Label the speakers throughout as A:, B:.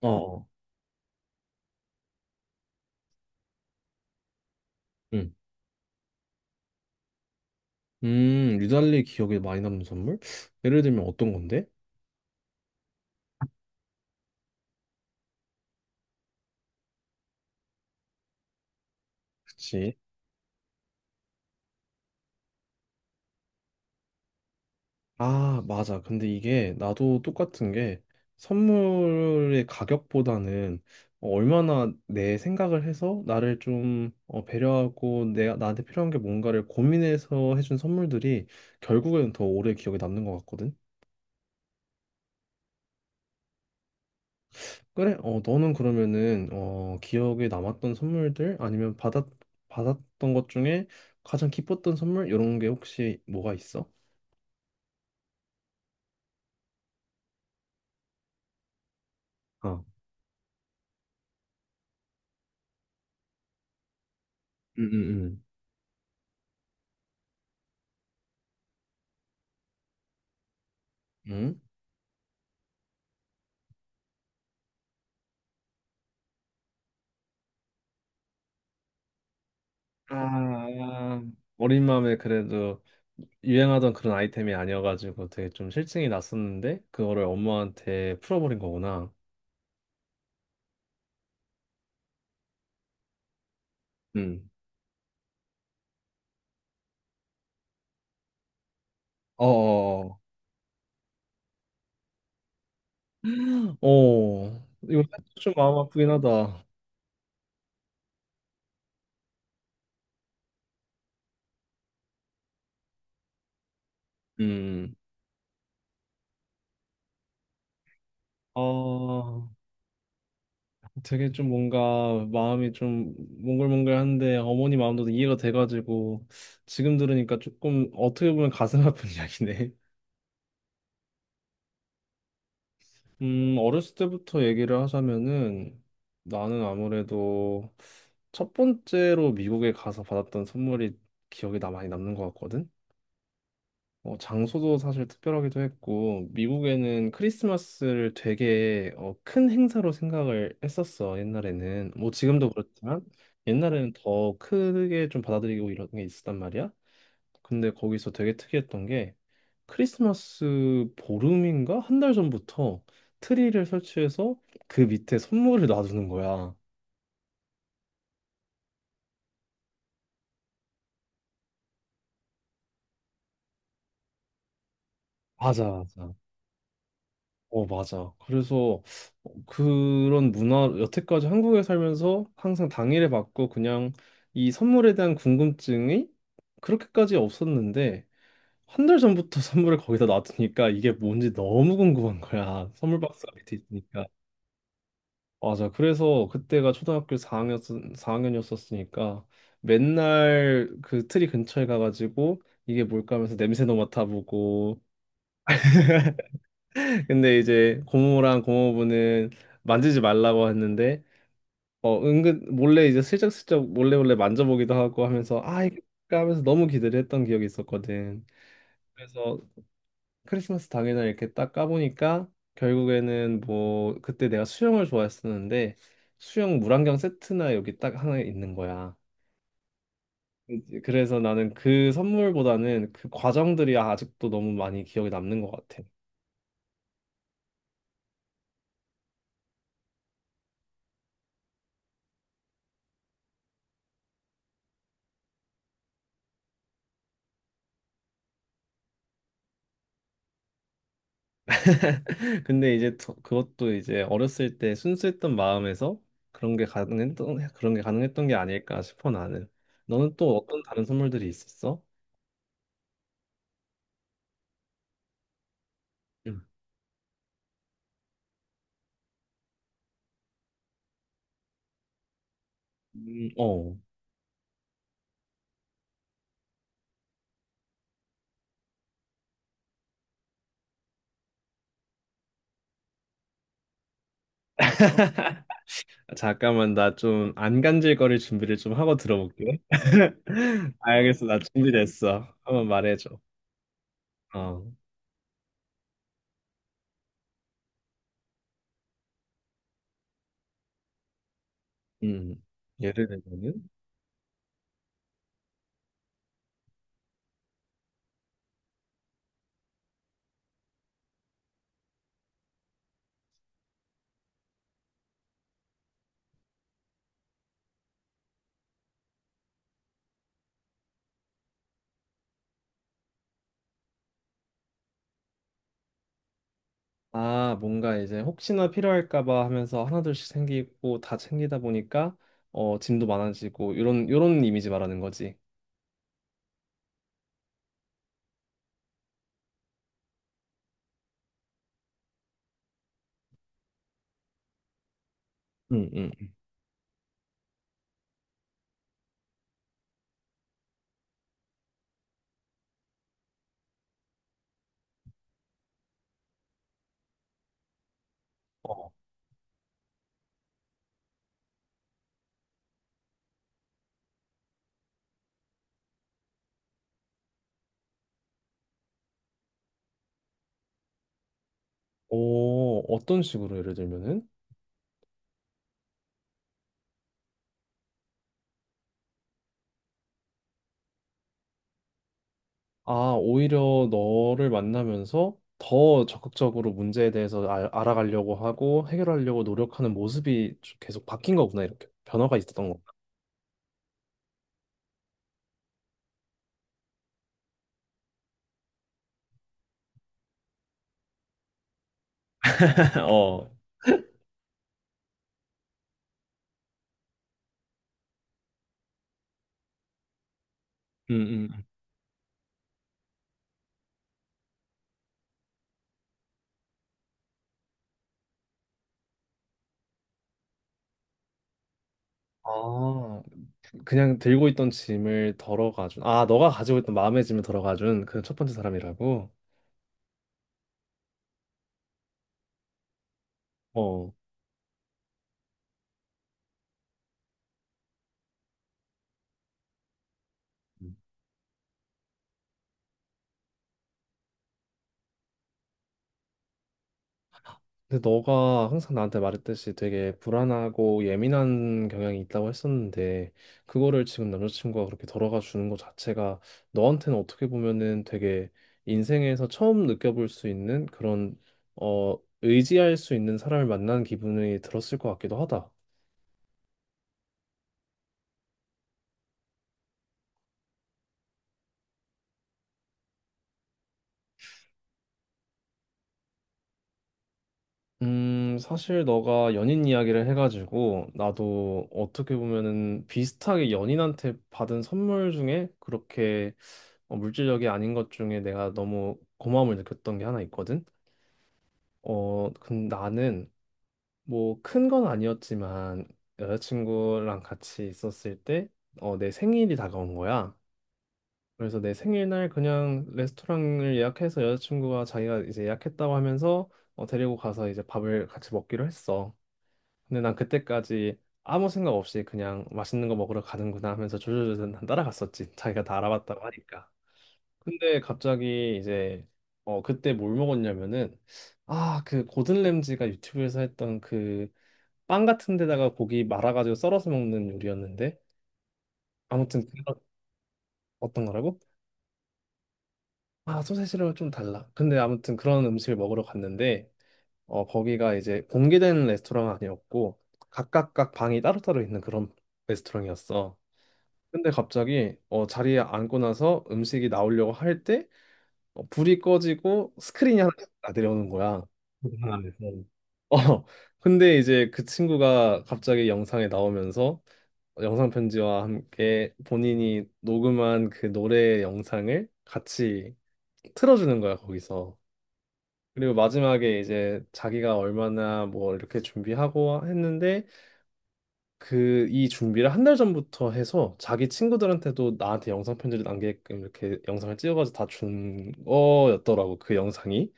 A: 어, 어. 응. 유달리 기억에 많이 남는 선물? 예를 들면 어떤 건데? 그치. 아, 맞아. 근데 이게 나도 똑같은 게 선물의 가격보다는 얼마나 내 생각을 해서 나를 좀 배려하고 내가 나한테 필요한 게 뭔가를 고민해서 해준 선물들이 결국에는 더 오래 기억에 남는 것 같거든. 그래, 너는 그러면은, 기억에 남았던 선물들 아니면 받았던 것 중에 가장 기뻤던 선물? 이런 게 혹시 뭐가 있어? 어, 응응. 응? 응? 아, 어린 마음에 그래도 유행하던 그런 아이템이 아니어가지고 되게 좀 실증이 났었는데, 그거를 엄마한테 풀어버린 거구나. 응. 어, 어, 어. 이거 좀 마음 아프긴 하다. 음. 아, 되게 좀 뭔가 마음이 좀 몽글몽글한데 어머니 마음도 이해가 돼가지고 지금 들으니까 조금 어떻게 보면 가슴 아픈 이야기네. 어렸을 때부터 얘기를 하자면은 나는 아무래도 첫 번째로 미국에 가서 받았던 선물이 기억에 나 많이 남는 것 같거든. 장소도 사실 특별하기도 했고, 미국에는 크리스마스를 되게 큰 행사로 생각을 했었어, 옛날에는. 뭐 지금도 그렇지만, 옛날에는 더 크게 좀 받아들이고 이런 게 있었단 말이야. 근데 거기서 되게 특이했던 게 크리스마스 보름인가? 한 달 전부터 트리를 설치해서 그 밑에 선물을 놔두는 거야. 맞아, 맞아. 맞아. 그래서 그런 문화, 여태까지 한국에 살면서 항상 당일에 받고 그냥 이 선물에 대한 궁금증이 그렇게까지 없었는데 한 달 전부터 선물을 거기다 놔두니까 이게 뭔지 너무 궁금한 거야. 선물 박스가 밑에 있으니까. 맞아. 그래서 그때가 초등학교 4학년, 4학년이었었으니까 맨날 그 트리 근처에 가가지고 이게 뭘까 하면서 냄새도 맡아보고 근데 이제 고모랑 고모부는 만지지 말라고 했는데 은근 몰래 이제 슬쩍슬쩍 몰래 몰래 만져보기도 하고 하면서 아 이거 하면서 너무 기대를 했던 기억이 있었거든. 그래서 크리스마스 당일날 이렇게 딱 까보니까 결국에는 뭐 그때 내가 수영을 좋아했었는데 수영 물안경 세트나 여기 딱 하나 있는 거야. 이제 그래서 나는 그 선물보다는 그 과정들이 아직도 너무 많이 기억에 남는 것 같아. 근데 이제 그것도 이제 어렸을 때 순수했던 마음에서 그런 게 가능했던 게 아닐까 싶어 나는. 너는 또 어떤 다른 선물들이 있었어? 음. 어. 잠깐만 나 좀 안 간질거릴 준비를 좀 하고 들어볼게. 알겠어, 나 준비됐어. 한번 말해줘. 어, 음, 예를 들면 아, 뭔가 이제 혹시나 필요할까 봐 하면서 하나둘씩 생기고 다 챙기다 보니까 짐도 많아지고 요런 이런 이미지 말하는 거지. 응, 응. 어. 오, 어떤 식으로 예를 들면은 아, 오히려 너를 만나면서 더 적극적으로 문제에 대해서 알아가려고 하고 해결하려고 노력하는 모습이 계속 바뀐 거구나. 이렇게 변화가 있었던 거구나. 어, 응, 응. 아, 그냥 들고 있던 짐을 덜어가준. 아, 너가 가지고 있던 마음의 짐을 덜어가준 그 첫 번째 사람이라고. 어. 음. 근데 너가 항상 나한테 말했듯이 되게 불안하고 예민한 경향이 있다고 했었는데 그거를 지금 남자친구가 그렇게 덜어가 주는 것 자체가 너한테는 어떻게 보면은 되게 인생에서 처음 느껴볼 수 있는 그런 의지할 수 있는 사람을 만난 기분이 들었을 것 같기도 하다. 사실 너가 연인 이야기를 해가지고 나도 어떻게 보면은 비슷하게 연인한테 받은 선물 중에 그렇게 물질력이 아닌 것 중에 내가 너무 고마움을 느꼈던 게 하나 있거든. 어, 근 나는 뭐 큰 건 아니었지만 여자친구랑 같이 있었을 때 내 생일이 다가온 거야. 그래서 내 생일날 그냥 레스토랑을 예약해서 여자친구가 자기가 이제 예약했다고 하면서 데리고 가서 이제 밥을 같이 먹기로 했어. 근데 난 그때까지 아무 생각 없이 그냥 맛있는 거 먹으러 가는구나 하면서 조조조조 난 따라갔었지. 자기가 다 알아봤다고 하니까. 근데 갑자기 이제 그때 뭘 먹었냐면은 아 그 고든 램지가 유튜브에서 했던 그 빵 같은 데다가 고기 말아가지고 썰어서 먹는 요리였는데 아무튼 그런 어떤 거라고? 아, 소세지랑 좀 달라. 근데 아무튼 그런 음식을 먹으러 갔는데 거기가 이제 공개된 레스토랑 아니었고 각각각 방이 따로따로 있는 그런 레스토랑이었어. 근데 갑자기 자리에 앉고 나서 음식이 나오려고 할때 불이 꺼지고 스크린이 하나 딱 내려오는 거야. 영상 안에서. 어, 근데 이제 그 친구가 갑자기 영상에 나오면서 영상 편지와 함께 본인이 녹음한 그 노래 영상을 같이 틀어주는 거야, 거기서. 그리고 마지막에 이제 자기가 얼마나 뭐 이렇게 준비하고 했는데 그 이 준비를 한 달 전부터 해서 자기 친구들한테도 나한테 영상 편지를 남게끔 이렇게 영상을 찍어가지고 다 준 거였더라고, 그 영상이.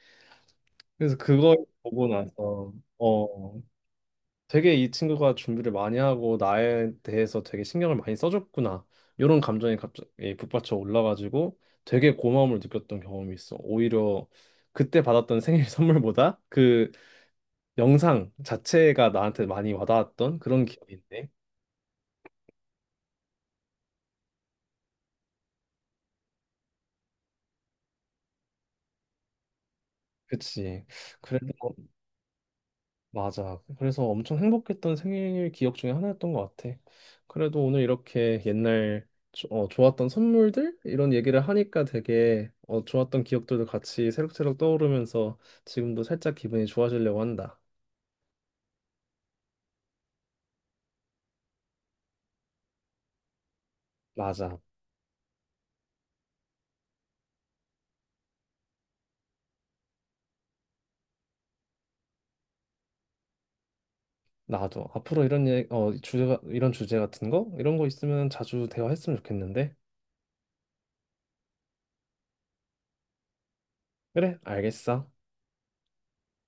A: 그래서 그걸 보고 나서 어 되게 이 친구가 준비를 많이 하고 나에 대해서 되게 신경을 많이 써줬구나 이런 감정이 갑자기 북받쳐 올라가지고 되게 고마움을 느꼈던 경험이 있어. 오히려 그때 받았던 생일 선물보다 그 영상 자체가 나한테 많이 와닿았던 그런 기억인데 그치. 그래도 맞아. 그래서 엄청 행복했던 생일 기억 중에 하나였던 것 같아. 그래도 오늘 이렇게 옛날 좋았던 선물들 이런 얘기를 하니까 되게 좋았던 기억들도 같이 새록새록 떠오르면서 지금도 살짝 기분이 좋아지려고 한다. 맞아. 나도 앞으로 주제가 이런 주제 같은 거 이런 거 있으면 자주 대화했으면 좋겠는데. 그래, 알겠어.